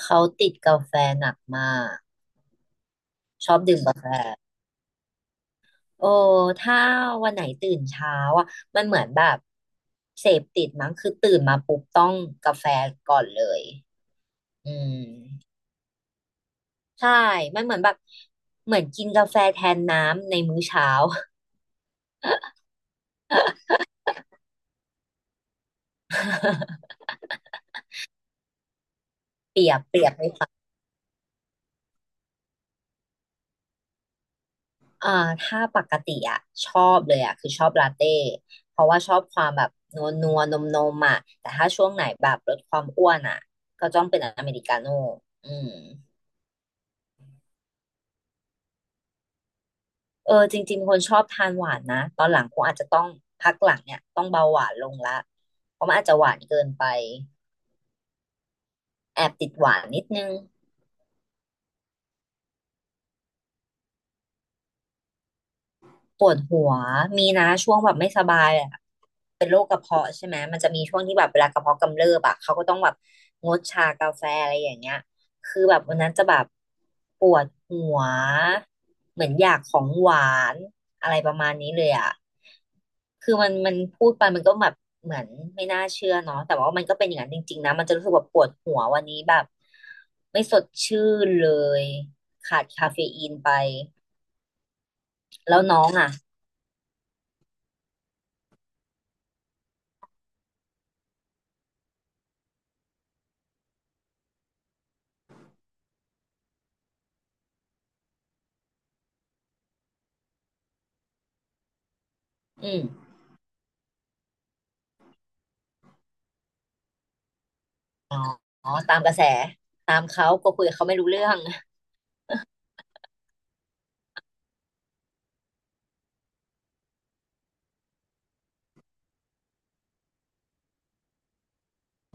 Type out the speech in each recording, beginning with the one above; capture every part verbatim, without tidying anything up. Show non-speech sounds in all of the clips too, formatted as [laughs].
เขาติดกาแฟหนักมากชอบดื่มกาแฟโอ้ถ้าวันไหนตื่นเช้าอ่ะมันเหมือนแบบเสพติดมั้งคือตื่นมาปุ๊บต้องกาแฟก่อนเลยอืมใช่มันเหมือนแบบเหมือนกินกาแฟแทนน้ำในมื้อเช้า [laughs] อ่าถ้าปกติอ่ะชอบเลยอ่ะคือชอบลาเต้เพราะว่าชอบความแบบนัวนัวนมนมๆอ่ะแต่ถ้าช่วงไหนแบบลดความอ้วนอ่ะก็ต้องเป็นอเมริกาโน่อืม เออจริงๆคนชอบทานหวานนะตอนหลังคงอาจจะต้องพักหลังเนี่ยต้องเบาหวานลงละเพราะมันอาจจะหวานเกินไปแอบติดหวานนิดนึงปวดหัวมีนะช่วงแบบไม่สบายอะ เป็นโรคกระเพาะใช่ไหมมันจะมีช่วงที่แบบเวลากระเพาะกำเริบอะเขาก็ต้องแบบงดชากาแฟอะไรอย่างเงี้ยคือแบบวันนั้นจะแบบปวดหัวเหมือนอยากของหวานอะไรประมาณนี้เลยอะคือมันมันพูดไปมันก็แบบเหมือนไม่น่าเชื่อเนาะแต่ว่ามันก็เป็นอย่างนั้นจริงๆนะมันจะรู้สึกแบบปวดหัววันนี้แบบไม่สดชื่นเลยขาดคาเฟอีนไปแล้วน้องอะอืมอ๋อตามกระแสตามเขาก็คุยกับเขาไม่รู้เรื่อง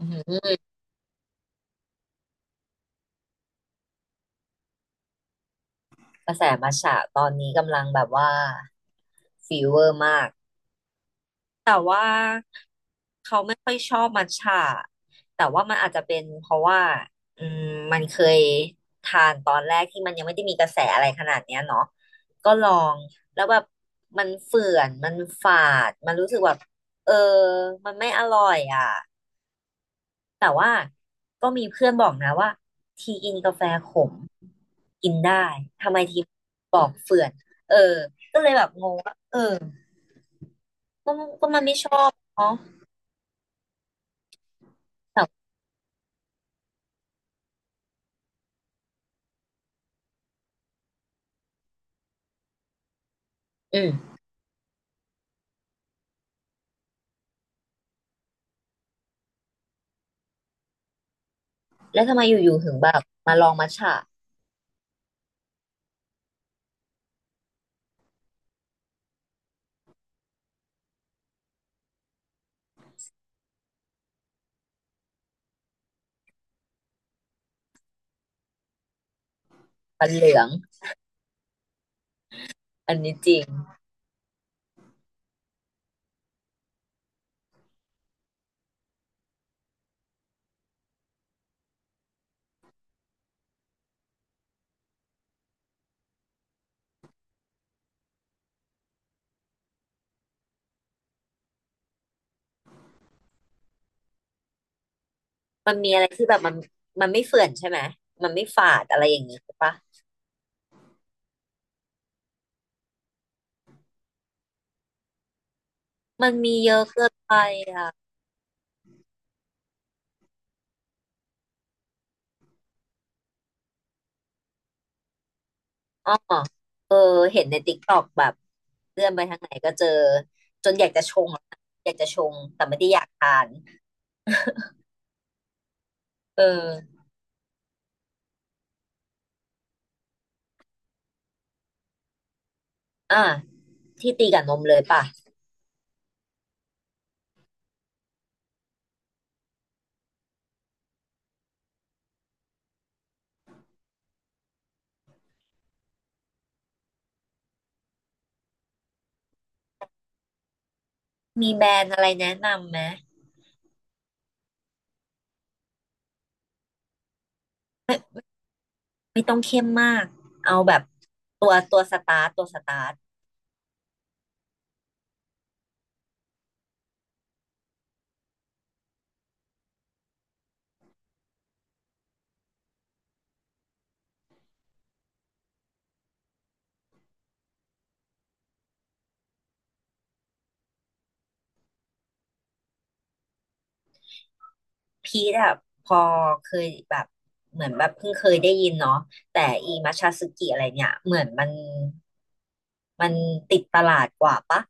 อืม กระแสมัทฉะตอนนี้กำลังแบบว่าฟีเวอร์มากแต่ว่าเขาไม่ค่อยชอบมัทฉะแต่ว่ามันอาจจะเป็นเพราะว่าอืมมันเคยทานตอนแรกที่มันยังไม่ได้มีกระแสอะไรขนาดเนี้ยเนาะก็ลองแล้วแบบมันเฝื่อนมันฝาดมันรู้สึกแบบเออมันไม่อร่อยอ่ะ แต่ว่าก็มีเพื่อนบอกนะว่าทีกินกาแฟขมกินได้ทำไมทีบอกเฟื่อนเออก็เลยแบบงงว่าเออก็ก็มันไม่ชอบเนาะแต่อืมแล้วทำไมอยู่ๆถึงแบบมาลองมัทฉะมันเหลืองอันนี้จริงมันมีอะไรที่แบบมันมันไม่เฟื่อนใช่ไหมมันไม่ฝาดอะไรอย่างนี้ใช่ปะมันมีเยอะเกินไปอ่ะ อ๋อเออเห็นในติ๊กต็อกแบบเลื่อนไปทางไหนก็เจอจนอยากจะชงอะอยากจะชงแต่ไม่ได้อยากทานเอออ่ะที่ตีกับนมเลยป่ะมีแบรนด์อะไรแนะนำไหมไม่ต้องเข้มมากเอาแบบตัวตัวสตาร์ตตัวสตาร์ตพีทอะพอเคยแบบเหมือนแบบเพิ่งเคยได้ยินเนาะแต่อีมัชชาสึกิอะไรเนี่ยเหมือนมันมันติดตลาดกว่าปะ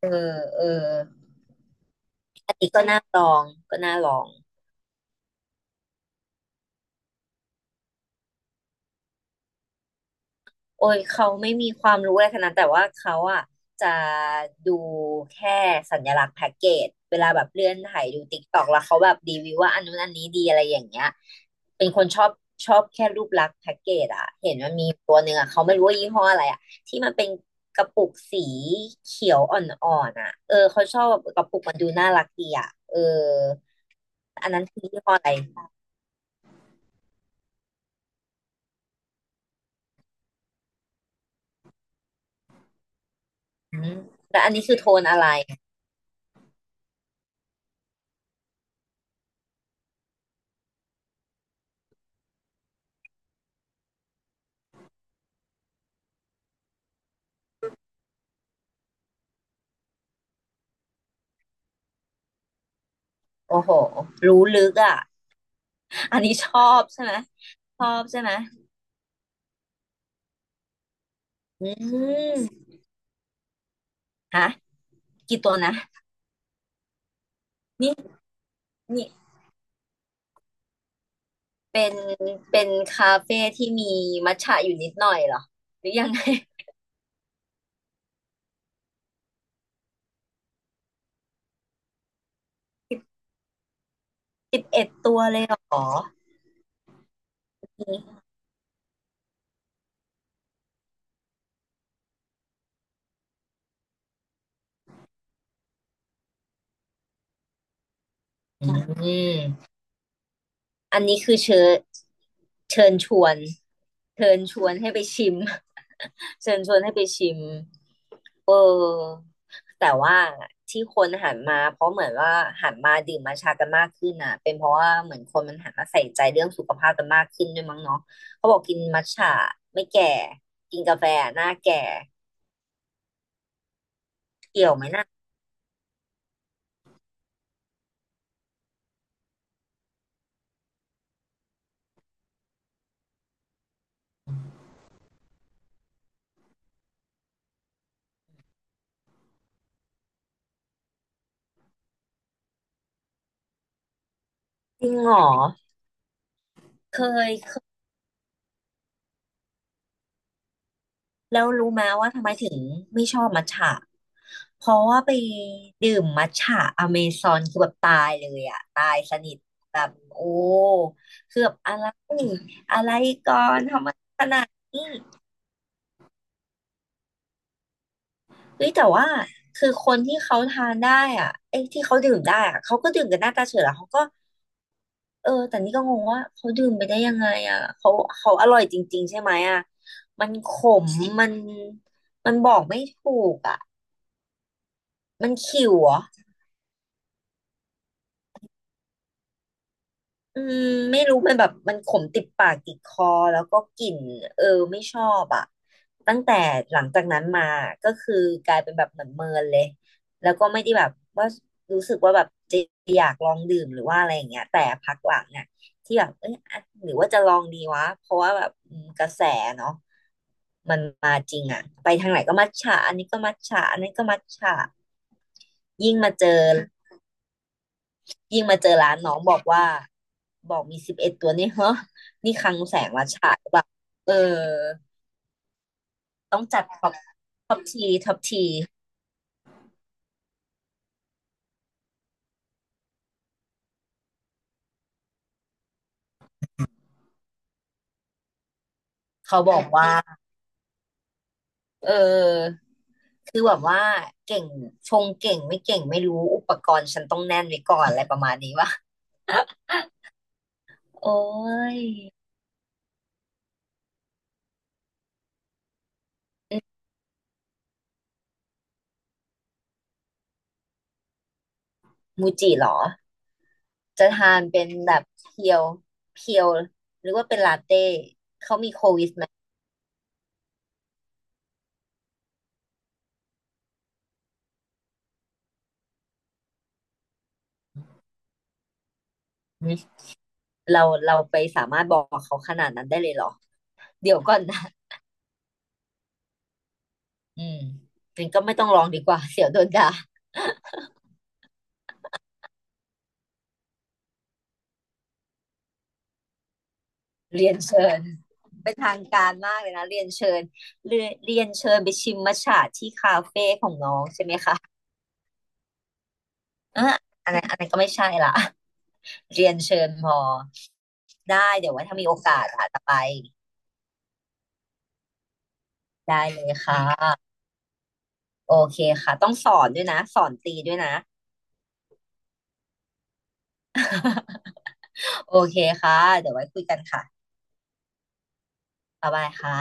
เออเออ อันนี้ก็น่าลองก็น่าลองโอ้ยเขาไม่มีความรู้อะไรขนาดนั้นแต่ว่าเขาอ่ะจะดูแค่สัญลักษณ์แพ็กเกจเวลาแบบเลื่อนถ่ายดูติ๊กตอกแล้วเขาแบบรีวิวว่าอันนู้นอันนี้ดีอะไรอย่างเงี้ยเป็นคนชอบชอบแค่รูปลักษณ์แพ็กเกจอ่ะเห็นมันมีตัวหนึ่งอ่ะเขาไม่รู้ว่ายี่ห้ออะไรอ่ะที่มันเป็นกระปุกสีเขียวอ่อนๆอ่ะเออเขาชอบแบบกระปุกมันดูน่ารักดีอ่ะเอออันนั้นคือยี่ห้ออะไรอืมแต่อันนี้คือโทนอะไร โอ้โห รู้ลึกอ่ะ อันนี้ชอบใช่ไหม ชอบใช่ไหม อืมฮะกี่ตัวนะ นี่นี่เป็นเป็นคาเฟ่ที่มีมัทฉะอยู่นิดหน่อยเหรอ หรือยังไง [laughs] สิบเอ็ดตัวเลยเหรอ อืม อันนี้คือเชิญเชิญชวน เชิญชวนให้ไปชิม [laughs] เชิญชวนให้ไปชิมเออแต่ว่าที่คนหันมาเพราะเหมือนว่าหันมาดื่มมาชากันมากขึ้นอ่ะเป็นเพราะว่าเหมือนคนมันหันมาใส่ใจเรื่องสุขภาพกันมากขึ้นด้วยมั้งเนาะเขาบอกกินมัทฉะไม่แก่ กินกาแฟหน้าแก่เกี่ยวไหมนะจริงเหรอเคยเคยแล้วรู้ไหมว่าทำไมถึงไม่ชอบมัทฉะ เพราะว่าไปดื่มมัทฉะอเมซอนคือแบบตายเลยอะตายสนิทแบบโอ้คือแบบอะไรอะไรก่อนทำไมขนาดเฮ้ยแต่ว่าคือคนที่เขาทานได้อ่ะไอ้ยที่เขาดื่มได้อะเขาก็ดื่มกันหน้าตาเฉยแล้วเขาก็เออแต่นี่ก็งงว่าเขาดื่มไปได้ยังไงอ่ะเขาเขาอร่อยจริงๆใช่ไหมอ่ะมันขมมันมันบอกไม่ถูกอ่ะมันขิวเหรอ อืมไม่รู้มันแบบมันขมติดปากติดคอแล้วก็กลิ่นเออไม่ชอบอ่ะตั้งแต่หลังจากนั้นมาก็คือกลายเป็นแบบเหมือนเมินเลยแล้วก็ไม่ได้แบบว่ารู้สึกว่าแบบจะอยากลองดื่มหรือว่าอะไรอย่างเงี้ยแต่พักหลังเนี่ยที่แบบเอ้ยอ่ะหรือว่าจะลองดีวะเพราะว่าแบบอืมกระแสเนาะมันมาจริงอ่ะไปทางไหนก็มัทฉะอันนี้ก็มัทฉะอันนี้นก็มัทฉะยิ่งมาเจอ ยิ่งมาเจอร้านน้องบอกว่าบอกมีสิบเอ็ดตัวนี่เฮ้อนี่คลังแสงวัชฉะหรือเปล่าเออต้องจัดท็อปท็อปทีท็อปทีเขาบอกว่าเออคือแบบว่าเก่งชงเก่งไม่เก่งไม่รู้อุปกรณ์ฉันต้องแน่นไว้ก่อนอะไรประมาณนี้วะโอ้ยมูจิเหรอจะทานเป็นแบบเพียวเพียวหรือว่าเป็นลาเต้หึเราเราไปสามารถบอกเขาขนาดนั้นได้เลยเหรอเดี๋ยวก่อนนะ อืมจริงันก็ไม่ต้องลองดีกว่า [laughs] เสียวโดนด่าเรียนเชิญเป็นทางการมากเลยนะเรียนเชิญเรียเรียนเชิญไปชิมมัทฉะที่คาเฟ่ของน้องใช่ไหมคะอ่ะอันนั้นอันนั้นก็ไม่ใช่ละ [laughs] เรียนเชิญพอได้เดี๋ยวไว่าถ้ามีโอกาสอาจจะไปได้เลยค่ะโอเคค่ะต้องสอนด้วยนะสอนตีด้วยนะโอเคค่ะเดี๋ยวไว้คุยกันค่ะบ๊ายบายค่ะ